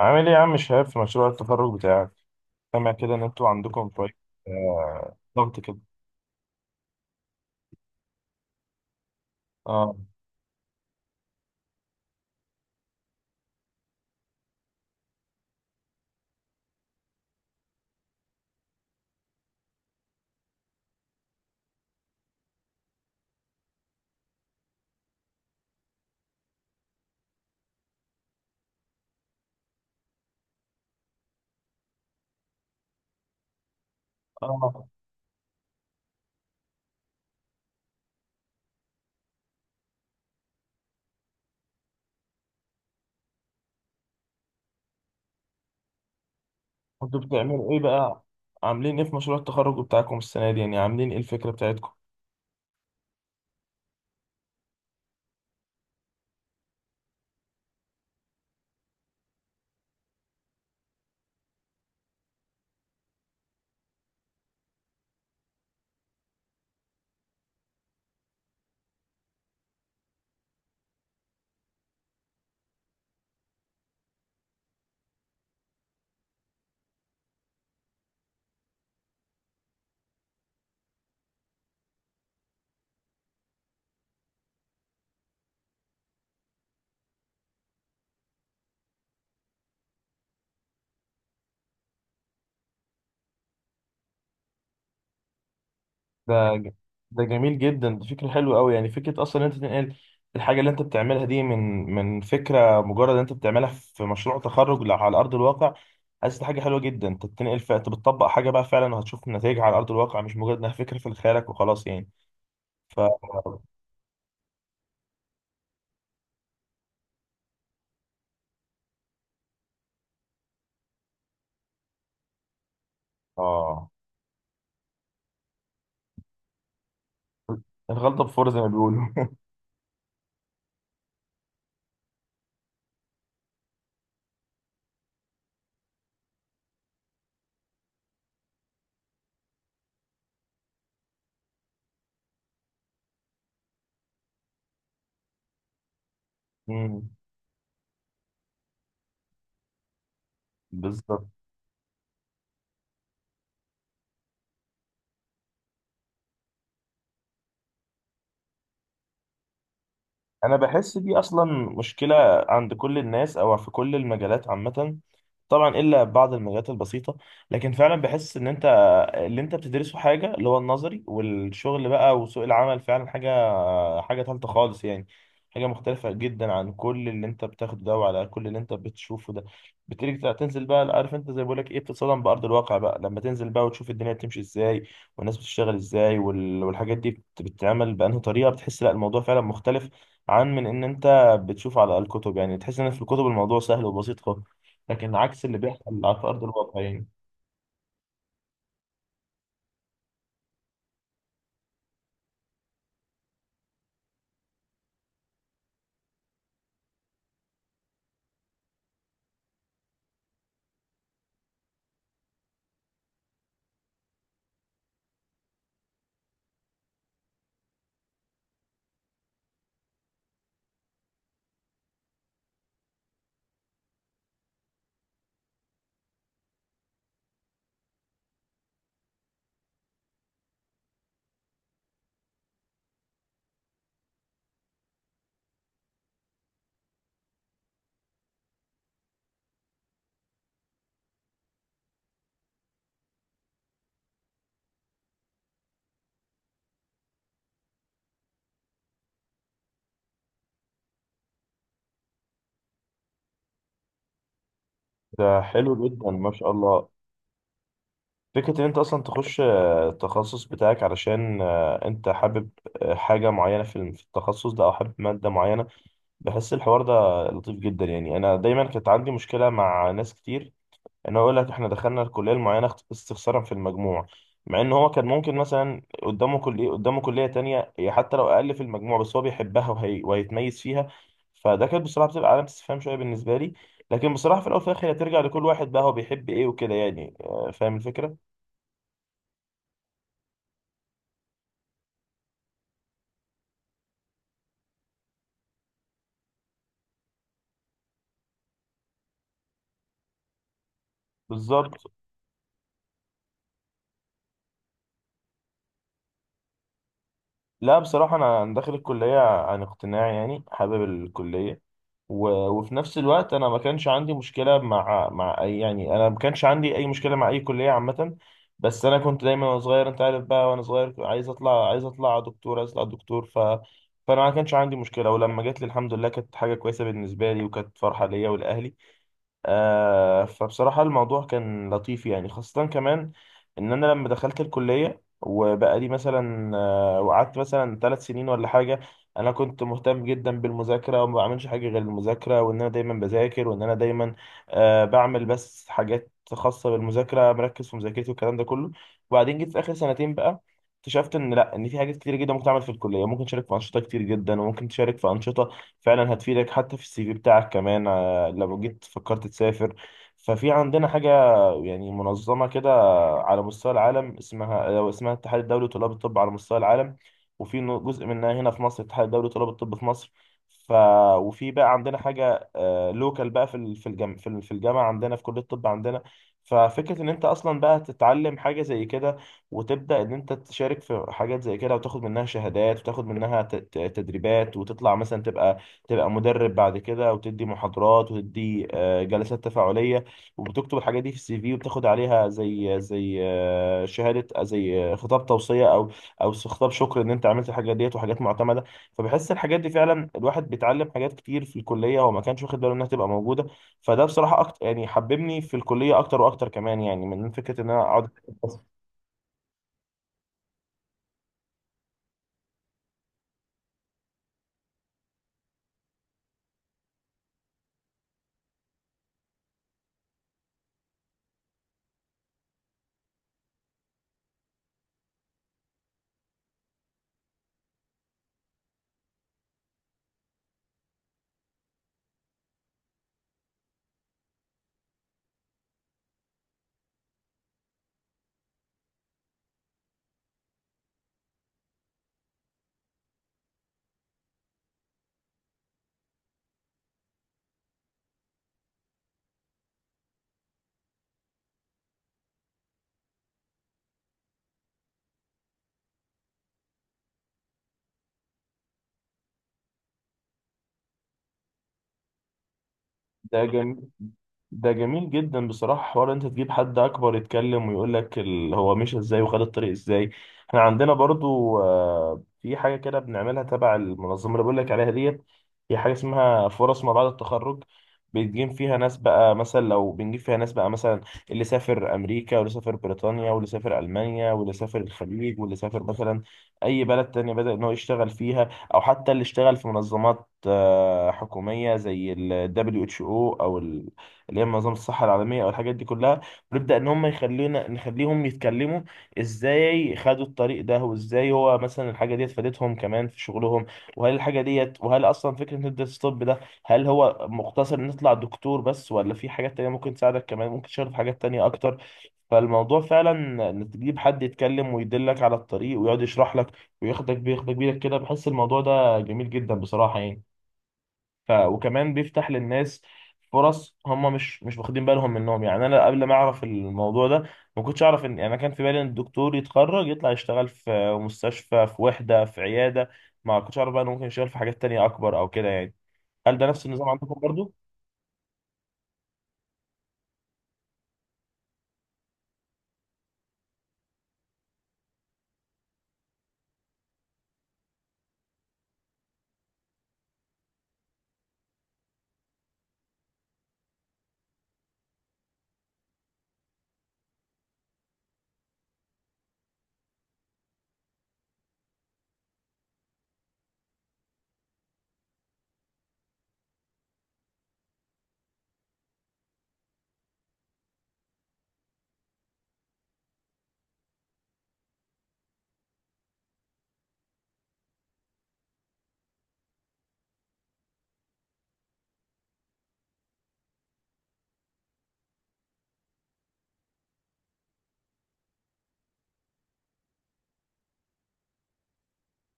عامل ايه يا عم شهاب في مشروع التخرج بتاعك؟ سامع كده ان انتوا عندكم شوية آه، ضغط كده. اه اه انتوا بتعملوا ايه بقى؟ عاملين ايه في مشروع التخرج بتاعكم السنة دي؟ يعني عاملين ايه الفكرة بتاعتكم؟ ده ج- ده جميل جدا، دي فكرة حلوة قوي، يعني فكرة اصلا ان انت تنقل الحاجة اللي انت بتعملها دي من فكرة مجرد إن انت بتعملها في مشروع تخرج لا على ارض الواقع. حاسس دي حاجة حلوة جدا، انت بتنقل انت بتطبق حاجة بقى فعلا وهتشوف نتائجها على ارض الواقع، مش مجرد انها فكرة في خيالك وخلاص يعني. ف اه الغلطة بفور زي ما بيقولوا مم. بالظبط. انا بحس دي اصلا مشكله عند كل الناس او في كل المجالات عامه، طبعا الا بعض المجالات البسيطه. لكن فعلا بحس ان انت اللي انت بتدرسه حاجه اللي هو النظري، والشغل بقى وسوق العمل فعلا حاجه تالته خالص يعني، حاجه مختلفه جدا عن كل اللي انت بتاخده ده وعلى كل اللي انت بتشوفه ده. بتيجي تنزل بقى، عارف انت زي بقول لك ايه، بتتصدم بارض الواقع بقى لما تنزل بقى وتشوف الدنيا بتمشي ازاي والناس بتشتغل ازاي والحاجات دي بتتعمل بانهي طريقه، بتحس لا الموضوع فعلا مختلف عن من ان انت بتشوف على الكتب. يعني تحس ان في الكتب الموضوع سهل وبسيط خالص، لكن عكس اللي بيحصل على ارض الواقع يعني. ده حلو جدا ما شاء الله. فكرة ان انت اصلا تخش التخصص بتاعك علشان انت حابب حاجة معينة في التخصص ده او حابب مادة معينة، بحس الحوار ده لطيف جدا يعني. انا دايما كانت عندي مشكلة مع ناس كتير، انا اقول لك احنا دخلنا الكليه المعينه استخسارا في المجموع، مع ان هو كان ممكن مثلا قدامه كليه قدامه كليه تانية هي حتى لو اقل في المجموع بس هو بيحبها وهيتميز فيها. فده كانت بصراحه بتبقى علامه استفهام شويه بالنسبه لي. لكن بصراحه في الاول وفي الاخر هي ترجع لكل واحد بقى هو بيحب ايه وكده يعني، فاهم الفكره. بالظبط. لا بصراحه انا داخل الكليه عن اقتناع يعني، حابب الكليه. وفي نفس الوقت انا ما كانش عندي مشكله مع مع أي، يعني انا ما كانش عندي اي مشكله مع اي كليه عامه. بس انا كنت دايما وانا صغير، انت عارف بقى وانا صغير كنت عايز اطلع، عايز اطلع دكتور، عايز اطلع دكتور. فانا ما كانش عندي مشكله، ولما جات لي الحمد لله كانت حاجه كويسه بالنسبه لي وكانت فرحه ليا ولاهلي. آه فبصراحة الموضوع كان لطيف يعني، خاصة كمان إن أنا لما دخلت الكلية وبقى لي مثلا آه وقعدت مثلا ثلاث سنين ولا حاجة، أنا كنت مهتم جدا بالمذاكرة، وما بعملش حاجة غير المذاكرة، وإن أنا دايما بذاكر، وإن أنا دايما آه بعمل بس حاجات خاصة بالمذاكرة، مركز في مذاكرتي والكلام ده كله. وبعدين جيت في آخر سنتين بقى اكتشفت ان لا، ان في حاجات كتير جدا ممكن تعمل في الكليه، ممكن تشارك في انشطه كتير جدا، وممكن تشارك في انشطه فعلا هتفيدك حتى في السي في بتاعك كمان لو جيت فكرت تسافر. ففي عندنا حاجة يعني منظمة كده على مستوى العالم اسمها الاتحاد الدولي لطلاب الطب على مستوى العالم، جزء منها هنا في مصر، الاتحاد الدولي لطلاب الطب في مصر. ف وفي بقى عندنا حاجة لوكال بقى في الجامعة، في الجامعة عندنا في كلية الطب عندنا. ففكرة إن أنت أصلا بقى تتعلم حاجة زي كده، وتبدأ إن أنت تشارك في حاجات زي كده وتاخد منها شهادات وتاخد منها تدريبات، وتطلع مثلا تبقى مدرب بعد كده وتدي محاضرات وتدي جلسات تفاعلية، وبتكتب الحاجات دي في السي في وبتاخد عليها زي شهادة، زي خطاب توصية أو أو خطاب شكر إن أنت عملت الحاجات ديت، وحاجات معتمدة. فبحس الحاجات دي فعلا الواحد بيتعلم حاجات كتير في الكلية وما كانش واخد باله إنها تبقى موجودة. فده بصراحة أكتر يعني حببني في الكلية أكتر وأكتر كمان، يعني من فكرة إن أنا أقعد. ده جميل ده جميل جدا بصراحة، حوار انت تجيب حد اكبر يتكلم ويقول لك هو مشى ازاي وخد الطريق ازاي. احنا عندنا برضو في حاجة كده بنعملها تبع المنظمة اللي بقول لك عليها ديت، هي حاجة اسمها فرص ما بعد التخرج، بنجيب فيها ناس بقى مثلا، لو بنجيب فيها ناس بقى مثلا اللي سافر امريكا واللي سافر بريطانيا واللي سافر المانيا واللي سافر الخليج واللي سافر مثلا اي بلد تانية بدأ ان هو يشتغل فيها، او حتى اللي اشتغل في منظمات حكوميه زي ال WHO اللي هي منظمه الصحه العالميه او الحاجات دي كلها. ونبدا ان هم يخلونا نخليهم يتكلموا ازاي خدوا الطريق ده، وازاي هو مثلا الحاجه ديت فادتهم كمان في شغلهم، وهل الحاجه ديت وهل اصلا فكره هندسه الطب ده، هل هو مقتصر ان تطلع دكتور بس ولا في حاجات تانية ممكن تساعدك كمان، ممكن تشتغل في حاجات تانية اكتر. فالموضوع فعلا ان تجيب حد يتكلم ويدلك على الطريق ويقعد يشرح لك وياخدك، بياخدك بيدك كده، بحس الموضوع ده جميل جدا بصراحة يعني. وكمان بيفتح للناس فرص هم مش واخدين بالهم منهم، يعني انا قبل ما اعرف الموضوع ده ما كنتش اعرف ان، يعني انا كان في بالي ان الدكتور يتخرج يطلع يشتغل في مستشفى في وحدة في عيادة، ما كنتش اعرف بقى انه ممكن يشتغل في حاجات تانية اكبر او كده يعني. هل ده نفس النظام عندكم برضو؟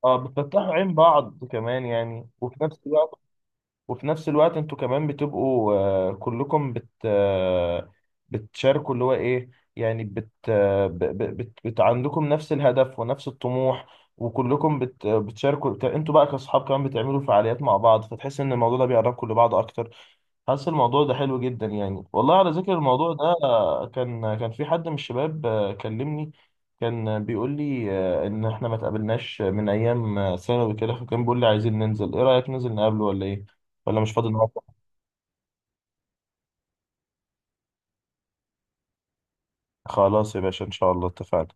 اه بتفتحوا عين بعض كمان يعني، وفي نفس الوقت. وفي نفس الوقت انتوا كمان بتبقوا كلكم بت آه، بتشاركوا اللي هو ايه، يعني بت, آه، ب- ب- بت, بت عندكم نفس الهدف ونفس الطموح، وكلكم بت آه، بتشاركوا انتوا بقى كاصحاب كمان بتعملوا فعاليات مع بعض فتحس ان الموضوع ده بيقربكم لبعض اكتر. حاسس الموضوع ده حلو جدا يعني. والله على ذكر الموضوع ده كان في حد من الشباب كلمني، كان بيقول لي ان احنا ما اتقابلناش من ايام ثانوي كده، فكان بيقول لي عايزين ننزل ايه رأيك ننزل نقابله ولا ايه، ولا مش فاضي النهارده. خلاص يا باشا ان شاء الله اتفقنا.